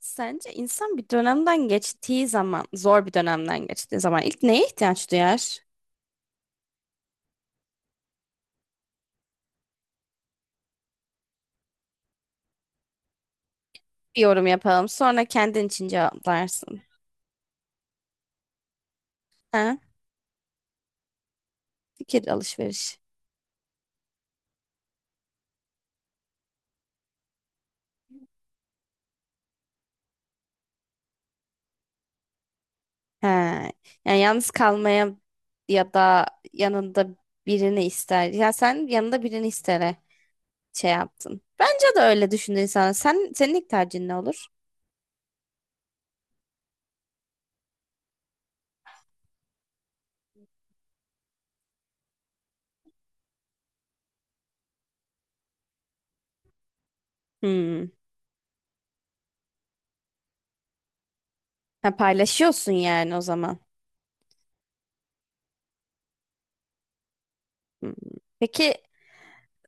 Sence insan bir dönemden geçtiği zaman, zor bir dönemden geçtiği zaman ilk neye ihtiyaç duyar? Bir yorum yapalım. Sonra kendin için cevaplarsın. Ha? Fikir alışveriş. Ha. Yani yalnız kalmaya ya da yanında birini ister. Ya sen yanında birini istere şey yaptın. Bence de öyle düşündü insan. Sen, senin ilk tercihin ne olur? Hmm. Ha, paylaşıyorsun yani o zaman. Hmm. Peki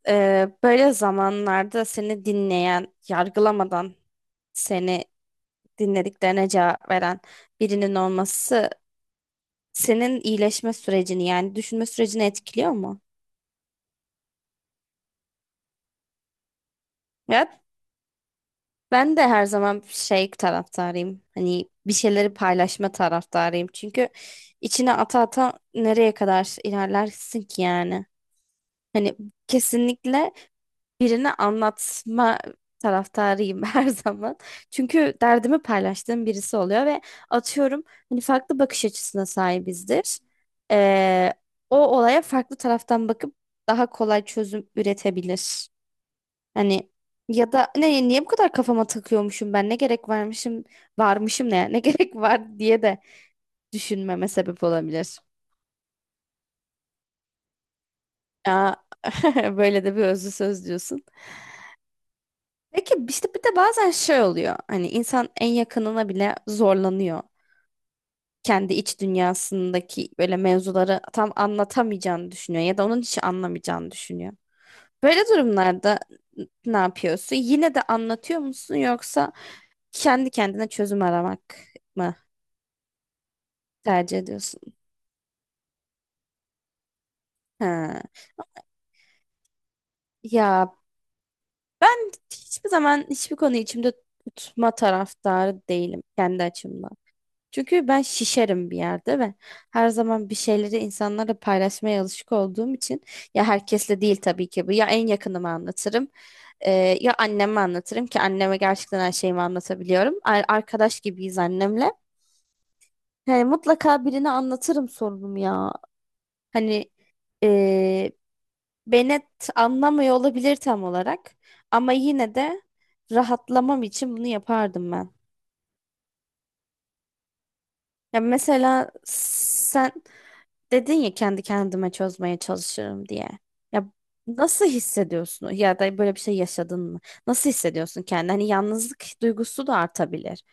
böyle zamanlarda seni dinleyen, yargılamadan seni dinlediklerine cevap veren birinin olması senin iyileşme sürecini yani düşünme sürecini etkiliyor mu? Ya ben de her zaman şey taraftarıyım. Hani bir şeyleri paylaşma taraftarıyım. Çünkü içine ata ata nereye kadar ilerlersin ki yani? Hani kesinlikle birine anlatma taraftarıyım her zaman. Çünkü derdimi paylaştığım birisi oluyor ve atıyorum hani farklı bakış açısına sahibizdir. Ee, O olaya farklı taraftan bakıp daha kolay çözüm üretebilir. Hani ya da ne niye bu kadar kafama takıyormuşum ben ne gerek varmışım ne gerek var diye de düşünmeme sebep olabilir. Aa, böyle de bir özlü söz diyorsun. Peki işte bir de bazen şey oluyor. Hani insan en yakınına bile zorlanıyor. Kendi iç dünyasındaki böyle mevzuları tam anlatamayacağını düşünüyor ya da onun hiç anlamayacağını düşünüyor. Böyle durumlarda ne yapıyorsun? Yine de anlatıyor musun yoksa kendi kendine çözüm aramak mı tercih ediyorsun? Ha. Ya ben hiçbir zaman hiçbir konuyu içimde tutma taraftarı değilim kendi açımdan. Çünkü ben şişerim bir yerde ve her zaman bir şeyleri insanlarla paylaşmaya alışık olduğum için ya herkesle değil tabii ki bu ya en yakınıma anlatırım e, ya anneme anlatırım ki anneme gerçekten her şeyimi anlatabiliyorum. Arkadaş gibiyiz annemle. Yani mutlaka birine anlatırım sorunumu ya. Hani e, beni anlamıyor olabilir tam olarak ama yine de rahatlamam için bunu yapardım ben. Ya mesela sen dedin ya kendi kendime çözmeye çalışırım diye. Ya nasıl hissediyorsun? Ya da böyle bir şey yaşadın mı? Nasıl hissediyorsun kendini? Hani yalnızlık duygusu da artabilir.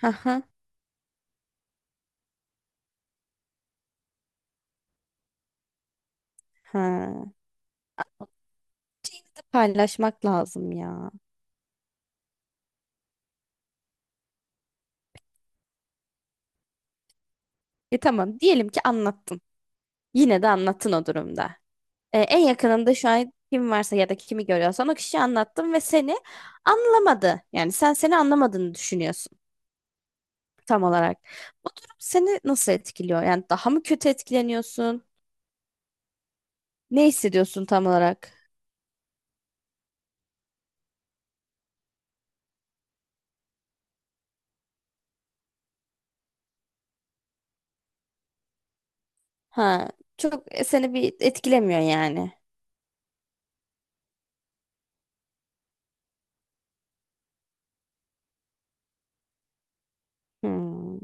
Hı hı. Ha. Yine de paylaşmak lazım ya. E tamam diyelim ki anlattın. Yine de anlattın o durumda. E, en yakınında şu an kim varsa ya da kimi görüyorsan o kişiyi anlattın ve seni anlamadı. Yani sen seni anlamadığını düşünüyorsun tam olarak. Bu durum seni nasıl etkiliyor? Yani daha mı kötü etkileniyorsun? Ne hissediyorsun tam olarak? Ha, çok seni bir etkilemiyor yani. Hmm.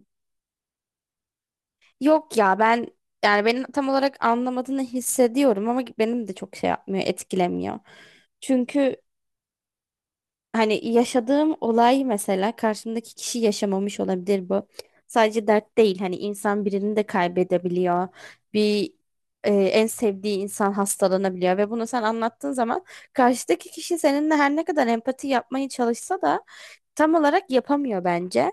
Yok ya ben yani benim tam olarak anlamadığını hissediyorum ama benim de çok şey yapmıyor, etkilemiyor. Çünkü hani yaşadığım olay mesela karşımdaki kişi yaşamamış olabilir bu. Sadece dert değil hani insan birini de kaybedebiliyor. Bir en sevdiği insan hastalanabiliyor ve bunu sen anlattığın zaman karşıdaki kişi seninle her ne kadar empati yapmaya çalışsa da tam olarak yapamıyor bence.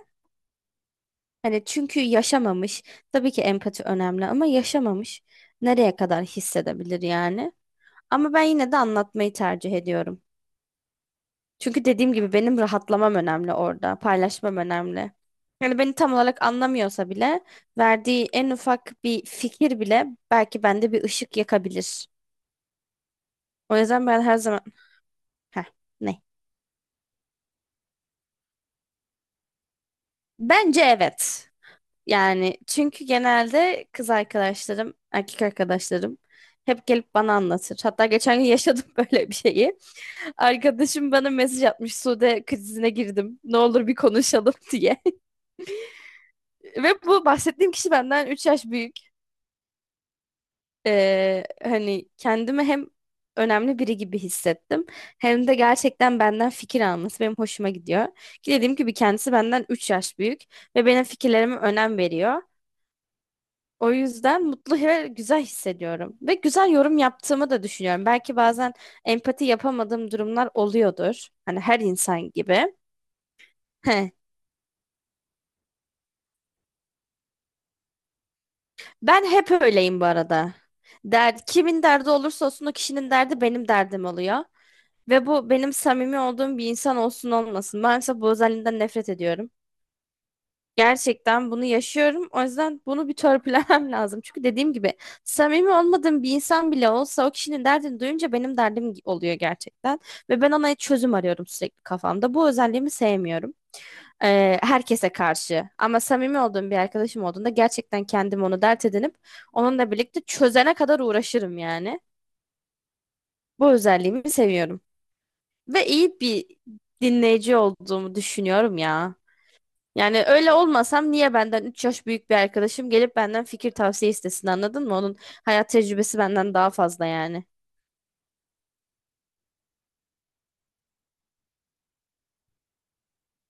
Hani çünkü yaşamamış. Tabii ki empati önemli ama yaşamamış. Nereye kadar hissedebilir yani? Ama ben yine de anlatmayı tercih ediyorum. Çünkü dediğim gibi benim rahatlamam önemli orada, paylaşmam önemli. Yani beni tam olarak anlamıyorsa bile verdiği en ufak bir fikir bile belki bende bir ışık yakabilir. O yüzden ben her zaman... Heh, ne? Bence evet. Yani çünkü genelde kız arkadaşlarım, erkek arkadaşlarım hep gelip bana anlatır. Hatta geçen gün yaşadım böyle bir şeyi. Arkadaşım bana mesaj atmış. Sude krizine girdim. Ne olur bir konuşalım diye. Ve bu bahsettiğim kişi benden 3 yaş büyük. Hani kendimi hem önemli biri gibi hissettim. Hem de gerçekten benden fikir alması benim hoşuma gidiyor. Ki dediğim gibi kendisi benden 3 yaş büyük ve benim fikirlerime önem veriyor. O yüzden mutlu ve güzel hissediyorum. Ve güzel yorum yaptığımı da düşünüyorum. Belki bazen empati yapamadığım durumlar oluyordur. Hani her insan gibi. Heh. Ben hep öyleyim bu arada. Kimin derdi olursa olsun o kişinin derdi benim derdim oluyor. Ve bu benim samimi olduğum bir insan olsun olmasın. Ben mesela bu özelliğinden nefret ediyorum. Gerçekten bunu yaşıyorum. O yüzden bunu bir törpülemem lazım. Çünkü dediğim gibi samimi olmadığım bir insan bile olsa o kişinin derdini duyunca benim derdim oluyor gerçekten. Ve ben ona çözüm arıyorum sürekli kafamda. Bu özelliğimi sevmiyorum. Herkese karşı. Ama samimi olduğum bir arkadaşım olduğunda gerçekten kendim onu dert edinip onunla birlikte çözene kadar uğraşırım yani. Bu özelliğimi seviyorum. Ve iyi bir dinleyici olduğumu düşünüyorum ya. Yani öyle olmasam niye benden 3 yaş büyük bir arkadaşım gelip benden fikir tavsiye istesin anladın mı? Onun hayat tecrübesi benden daha fazla yani.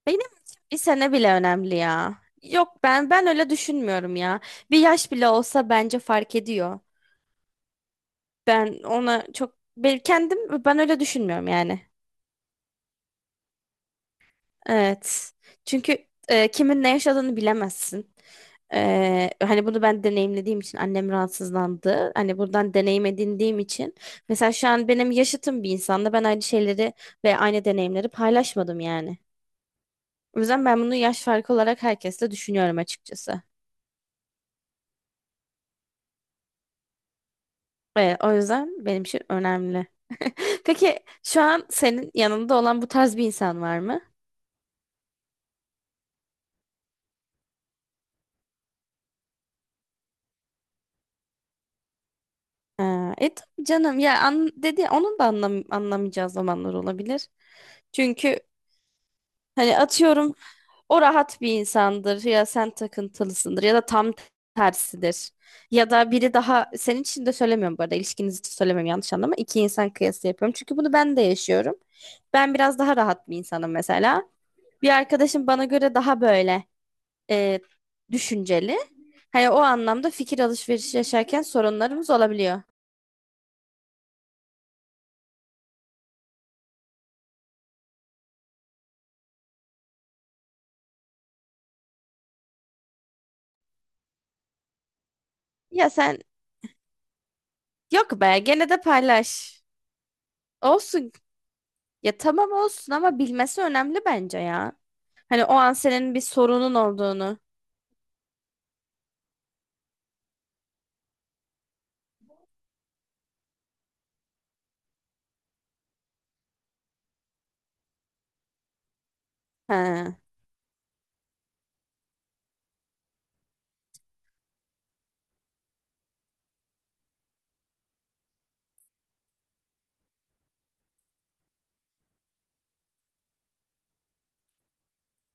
Benim için bir sene bile önemli ya. Yok ben öyle düşünmüyorum ya. Bir yaş bile olsa bence fark ediyor. Ben ona çok ben kendim ben öyle düşünmüyorum yani. Evet. Çünkü kimin ne yaşadığını bilemezsin. E, hani bunu ben deneyimlediğim için annem rahatsızlandı. Hani buradan deneyim edindiğim için. Mesela şu an benim yaşıtım bir insanla ben aynı şeyleri ve aynı deneyimleri paylaşmadım yani. O yüzden ben bunu yaş farkı olarak herkesle düşünüyorum açıkçası. O yüzden benim için önemli. Peki şu an senin yanında olan bu tarz bir insan var mı? Ha, tabii canım ya dedi onun da anlamayacağı zamanlar olabilir. Çünkü hani atıyorum o rahat bir insandır ya sen takıntılısındır ya da tam tersidir. Ya da biri daha senin için de söylemiyorum bu arada ilişkiniz için söylemiyorum yanlış anlama. İki insan kıyası yapıyorum çünkü bunu ben de yaşıyorum. Ben biraz daha rahat bir insanım mesela. Bir arkadaşım bana göre daha böyle e, düşünceli. Hani o anlamda fikir alışverişi yaşarken sorunlarımız olabiliyor. Ya sen Yok be gene de paylaş. Olsun. Ya tamam olsun ama bilmesi önemli bence ya. Hani o an senin bir sorunun olduğunu he,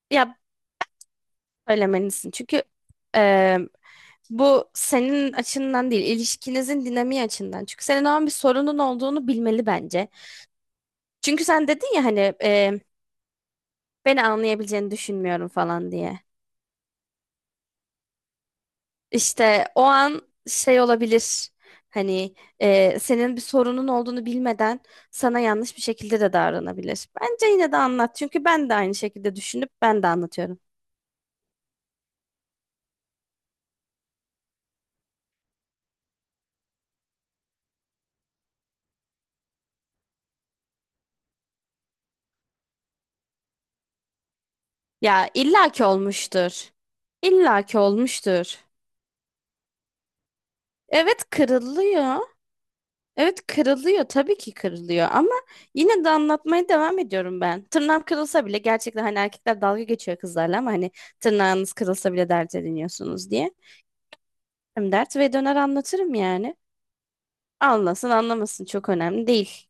ya söylemelisin. Çünkü e, bu senin açından değil, ilişkinizin dinamiği açından. Çünkü senin o an bir sorunun olduğunu bilmeli bence. Çünkü sen dedin ya hani beni anlayabileceğini düşünmüyorum falan diye. İşte o an şey olabilir. Hani senin bir sorunun olduğunu bilmeden sana yanlış bir şekilde de davranabilir. Bence yine de anlat. Çünkü ben de aynı şekilde düşünüp ben de anlatıyorum. Ya illaki olmuştur. İllaki olmuştur. Evet kırılıyor. Evet kırılıyor. Tabii ki kırılıyor ama yine de anlatmaya devam ediyorum ben. Tırnağım kırılsa bile gerçekten hani erkekler dalga geçiyor kızlarla ama hani tırnağınız kırılsa bile dert ediniyorsunuz diye. Hem dert ve döner anlatırım yani. Anlasın anlamasın çok önemli değil.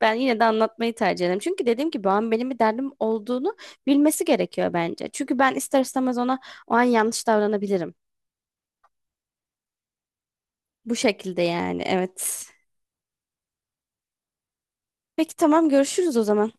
Ben yine de anlatmayı tercih ederim. Çünkü dediğim gibi o an benim bir derdim olduğunu bilmesi gerekiyor bence. Çünkü ben ister istemez ona o an yanlış davranabilirim. Bu şekilde yani evet. Peki tamam görüşürüz o zaman.